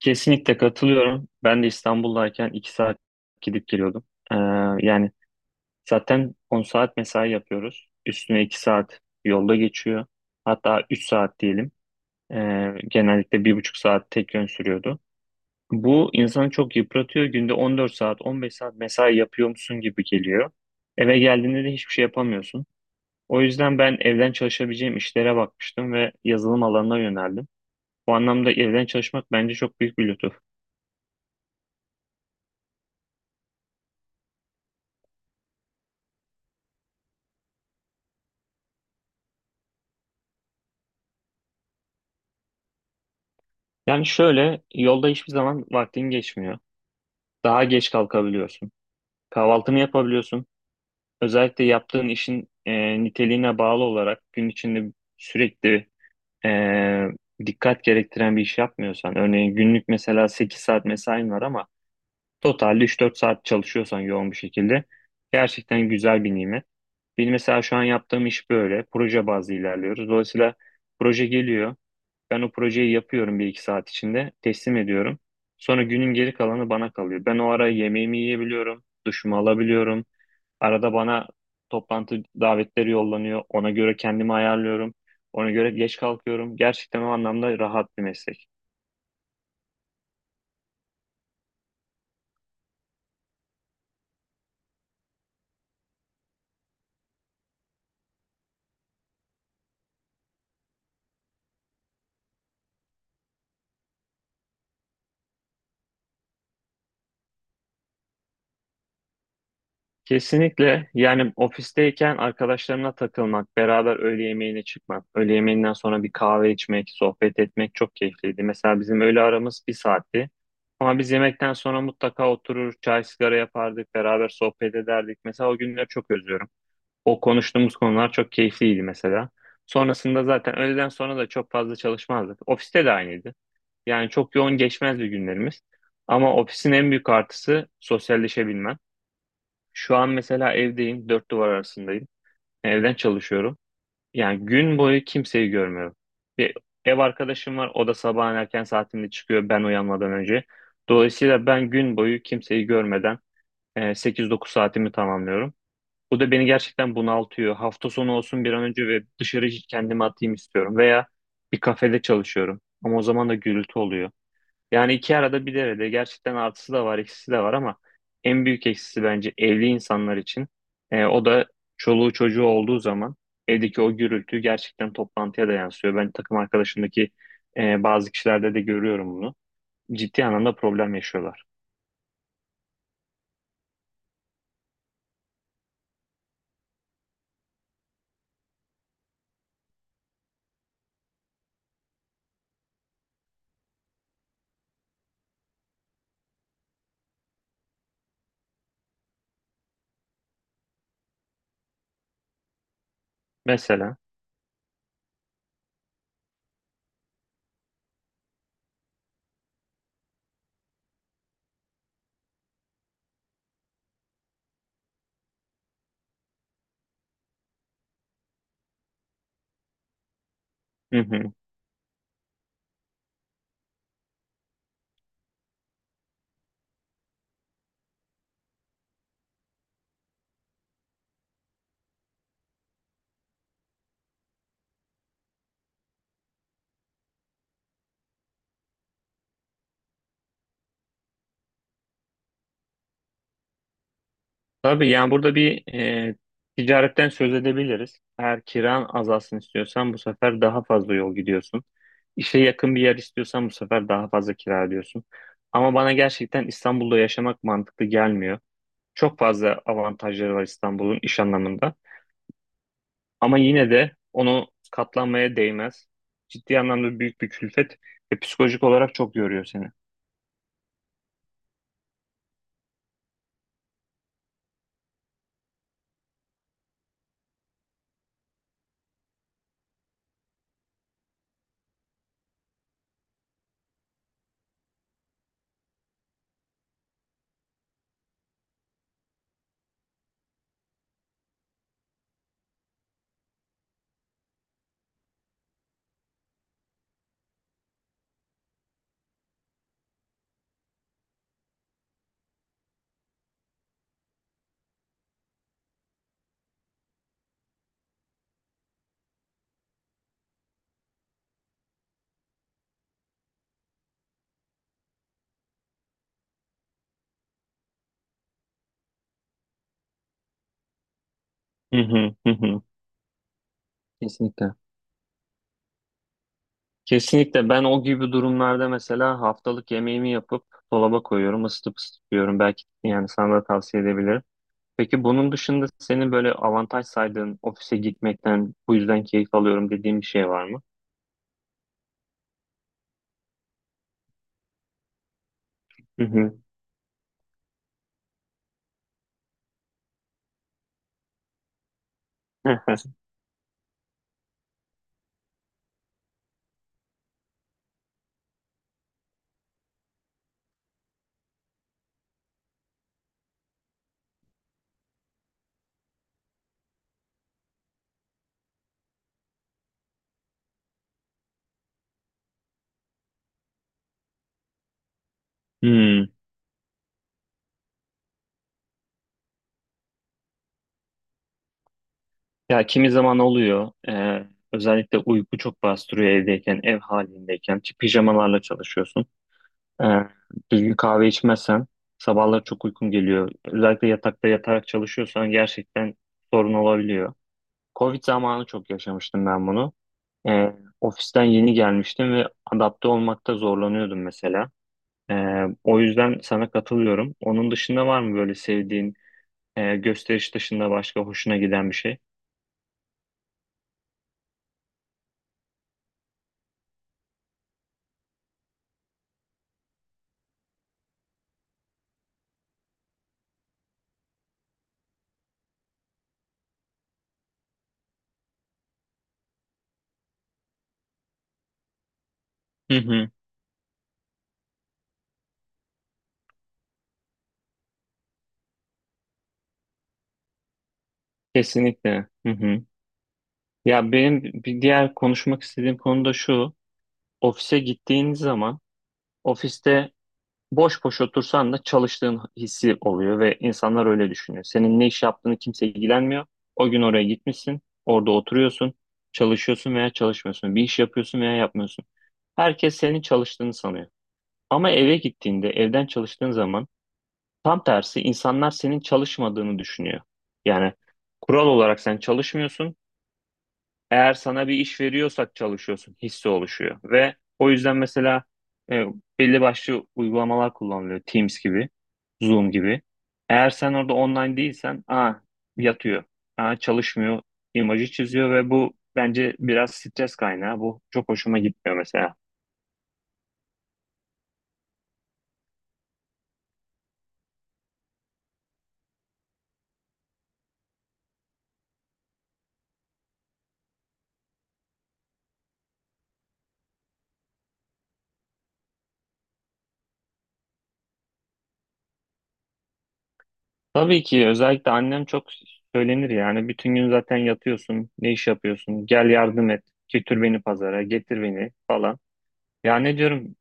Kesinlikle katılıyorum. Ben de İstanbul'dayken 2 saat gidip geliyordum. Ee, yani zaten 10 saat mesai yapıyoruz. Üstüne 2 saat yolda geçiyor. Hatta 3 saat diyelim. Genellikle bir buçuk saat tek yön sürüyordu. Bu insanı çok yıpratıyor. Günde 14 saat, 15 saat mesai yapıyormuşsun gibi geliyor. Eve geldiğinde de hiçbir şey yapamıyorsun. O yüzden ben evden çalışabileceğim işlere bakmıştım ve yazılım alanına yöneldim. Bu anlamda evden çalışmak bence çok büyük bir lütuf. Yani şöyle yolda hiçbir zaman vaktin geçmiyor. Daha geç kalkabiliyorsun. Kahvaltını yapabiliyorsun. Özellikle yaptığın işin niteliğine bağlı olarak gün içinde sürekli e, dikkat gerektiren bir iş yapmıyorsan, örneğin günlük mesela 8 saat mesain var ama totalde üç dört saat çalışıyorsan yoğun bir şekilde gerçekten güzel bir nimet. Benim mesela şu an yaptığım iş böyle. Proje bazlı ilerliyoruz. Dolayısıyla proje geliyor. Ben o projeyi yapıyorum bir iki saat içinde, teslim ediyorum. Sonra günün geri kalanı bana kalıyor. Ben o ara yemeğimi yiyebiliyorum, duşumu alabiliyorum. Arada bana toplantı davetleri yollanıyor. Ona göre kendimi ayarlıyorum. Ona göre geç kalkıyorum. Gerçekten o anlamda rahat bir meslek. Kesinlikle yani ofisteyken arkadaşlarına takılmak, beraber öğle yemeğine çıkmak, öğle yemeğinden sonra bir kahve içmek, sohbet etmek çok keyifliydi. Mesela bizim öğle aramız bir saatti. Ama biz yemekten sonra mutlaka oturur, çay sigara yapardık, beraber sohbet ederdik. Mesela o günleri çok özlüyorum. O konuştuğumuz konular çok keyifliydi mesela. Sonrasında zaten öğleden sonra da çok fazla çalışmazdık. Ofiste de aynıydı. Yani çok yoğun geçmezdi günlerimiz. Ama ofisin en büyük artısı sosyalleşebilmen. Şu an mesela evdeyim, dört duvar arasındayım. Evden çalışıyorum. Yani gün boyu kimseyi görmüyorum. Bir ev arkadaşım var, o da sabahın erken saatinde çıkıyor ben uyanmadan önce. Dolayısıyla ben gün boyu kimseyi görmeden 8-9 saatimi tamamlıyorum. Bu da beni gerçekten bunaltıyor. Hafta sonu olsun bir an önce ve dışarı kendimi atayım istiyorum. Veya bir kafede çalışıyorum. Ama o zaman da gürültü oluyor. Yani iki arada bir derede gerçekten artısı da var, eksisi de var ama en büyük eksisi bence evli insanlar için. O da çoluğu çocuğu olduğu zaman evdeki o gürültü gerçekten toplantıya da yansıyor. Ben takım arkadaşımdaki bazı kişilerde de görüyorum bunu. Ciddi anlamda problem yaşıyorlar. Mesela. Hı hı. Tabii yani burada bir ticaretten söz edebiliriz. Eğer kiran azalsın istiyorsan bu sefer daha fazla yol gidiyorsun. İşe yakın bir yer istiyorsan bu sefer daha fazla kira ödüyorsun. Ama bana gerçekten İstanbul'da yaşamak mantıklı gelmiyor. Çok fazla avantajları var İstanbul'un iş anlamında. Ama yine de onu katlanmaya değmez. Ciddi anlamda büyük bir külfet ve psikolojik olarak çok yoruyor seni. Hı hı hı hı. Kesinlikle. Kesinlikle ben o gibi durumlarda mesela haftalık yemeğimi yapıp dolaba koyuyorum, ısıtıp ısıtıyorum. Belki yani sana da tavsiye edebilirim. Peki bunun dışında senin böyle avantaj saydığın ofise gitmekten bu yüzden keyif alıyorum dediğin bir şey var mı? Hı hı. Hmm. Ya kimi zaman oluyor. Özellikle uyku çok bastırıyor evdeyken, ev halindeyken. Ki pijamalarla çalışıyorsun. Ee, düzgün kahve içmezsen sabahlar çok uykun geliyor. Özellikle yatakta yatarak çalışıyorsan gerçekten sorun olabiliyor. Covid zamanı çok yaşamıştım ben bunu. Ee, ofisten yeni gelmiştim ve adapte olmakta zorlanıyordum mesela. O yüzden sana katılıyorum. Onun dışında var mı böyle sevdiğin gösteriş dışında başka hoşuna giden bir şey? Hı hı. Kesinlikle. Hı hı. Ya benim bir diğer konuşmak istediğim konu da şu. Ofise gittiğiniz zaman ofiste boş boş otursan da çalıştığın hissi oluyor ve insanlar öyle düşünüyor. Senin ne iş yaptığını kimse ilgilenmiyor. O gün oraya gitmişsin, orada oturuyorsun, çalışıyorsun veya çalışmıyorsun. Bir iş yapıyorsun veya yapmıyorsun. Herkes senin çalıştığını sanıyor. Ama eve gittiğinde, evden çalıştığın zaman tam tersi insanlar senin çalışmadığını düşünüyor. Yani kural olarak sen çalışmıyorsun. Eğer sana bir iş veriyorsak çalışıyorsun hissi oluşuyor. Ve o yüzden mesela e, belli başlı uygulamalar kullanılıyor. Teams gibi, Zoom gibi. Eğer sen orada online değilsen, aa yatıyor, aa çalışmıyor imajı çiziyor ve bu bence biraz stres kaynağı. Bu çok hoşuma gitmiyor mesela. Tabii ki özellikle annem çok söylenir yani bütün gün zaten yatıyorsun ne iş yapıyorsun gel yardım et götür beni pazara getir beni falan. Ya ne diyorum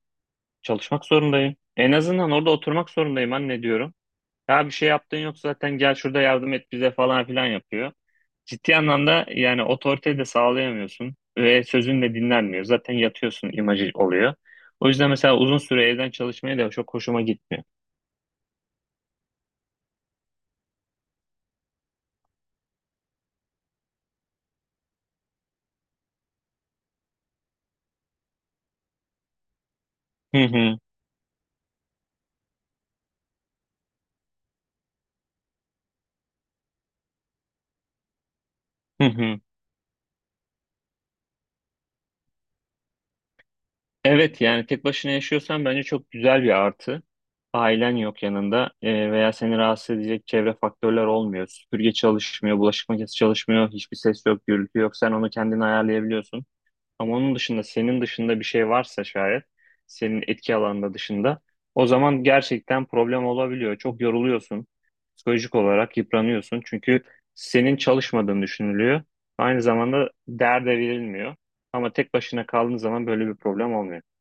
çalışmak zorundayım en azından orada oturmak zorundayım anne diyorum. Ya bir şey yaptığın yok zaten gel şurada yardım et bize falan filan yapıyor. Ciddi anlamda yani otoriteyi de sağlayamıyorsun ve sözün de dinlenmiyor zaten yatıyorsun imajı oluyor. O yüzden mesela uzun süre evden çalışmaya da çok hoşuma gitmiyor. Hı hı hı hı. Evet yani tek başına yaşıyorsan bence çok güzel bir artı. Ailen yok yanında veya seni rahatsız edecek çevre faktörler olmuyor. Süpürge çalışmıyor, bulaşık makinesi çalışmıyor, hiçbir ses yok, gürültü yok. Sen onu kendin ayarlayabiliyorsun. Ama onun dışında senin dışında bir şey varsa şayet senin etki alanında dışında o zaman gerçekten problem olabiliyor. Çok yoruluyorsun. Psikolojik olarak yıpranıyorsun. Çünkü senin çalışmadığın düşünülüyor. Aynı zamanda derde verilmiyor. Ama tek başına kaldığın zaman böyle bir problem olmuyor.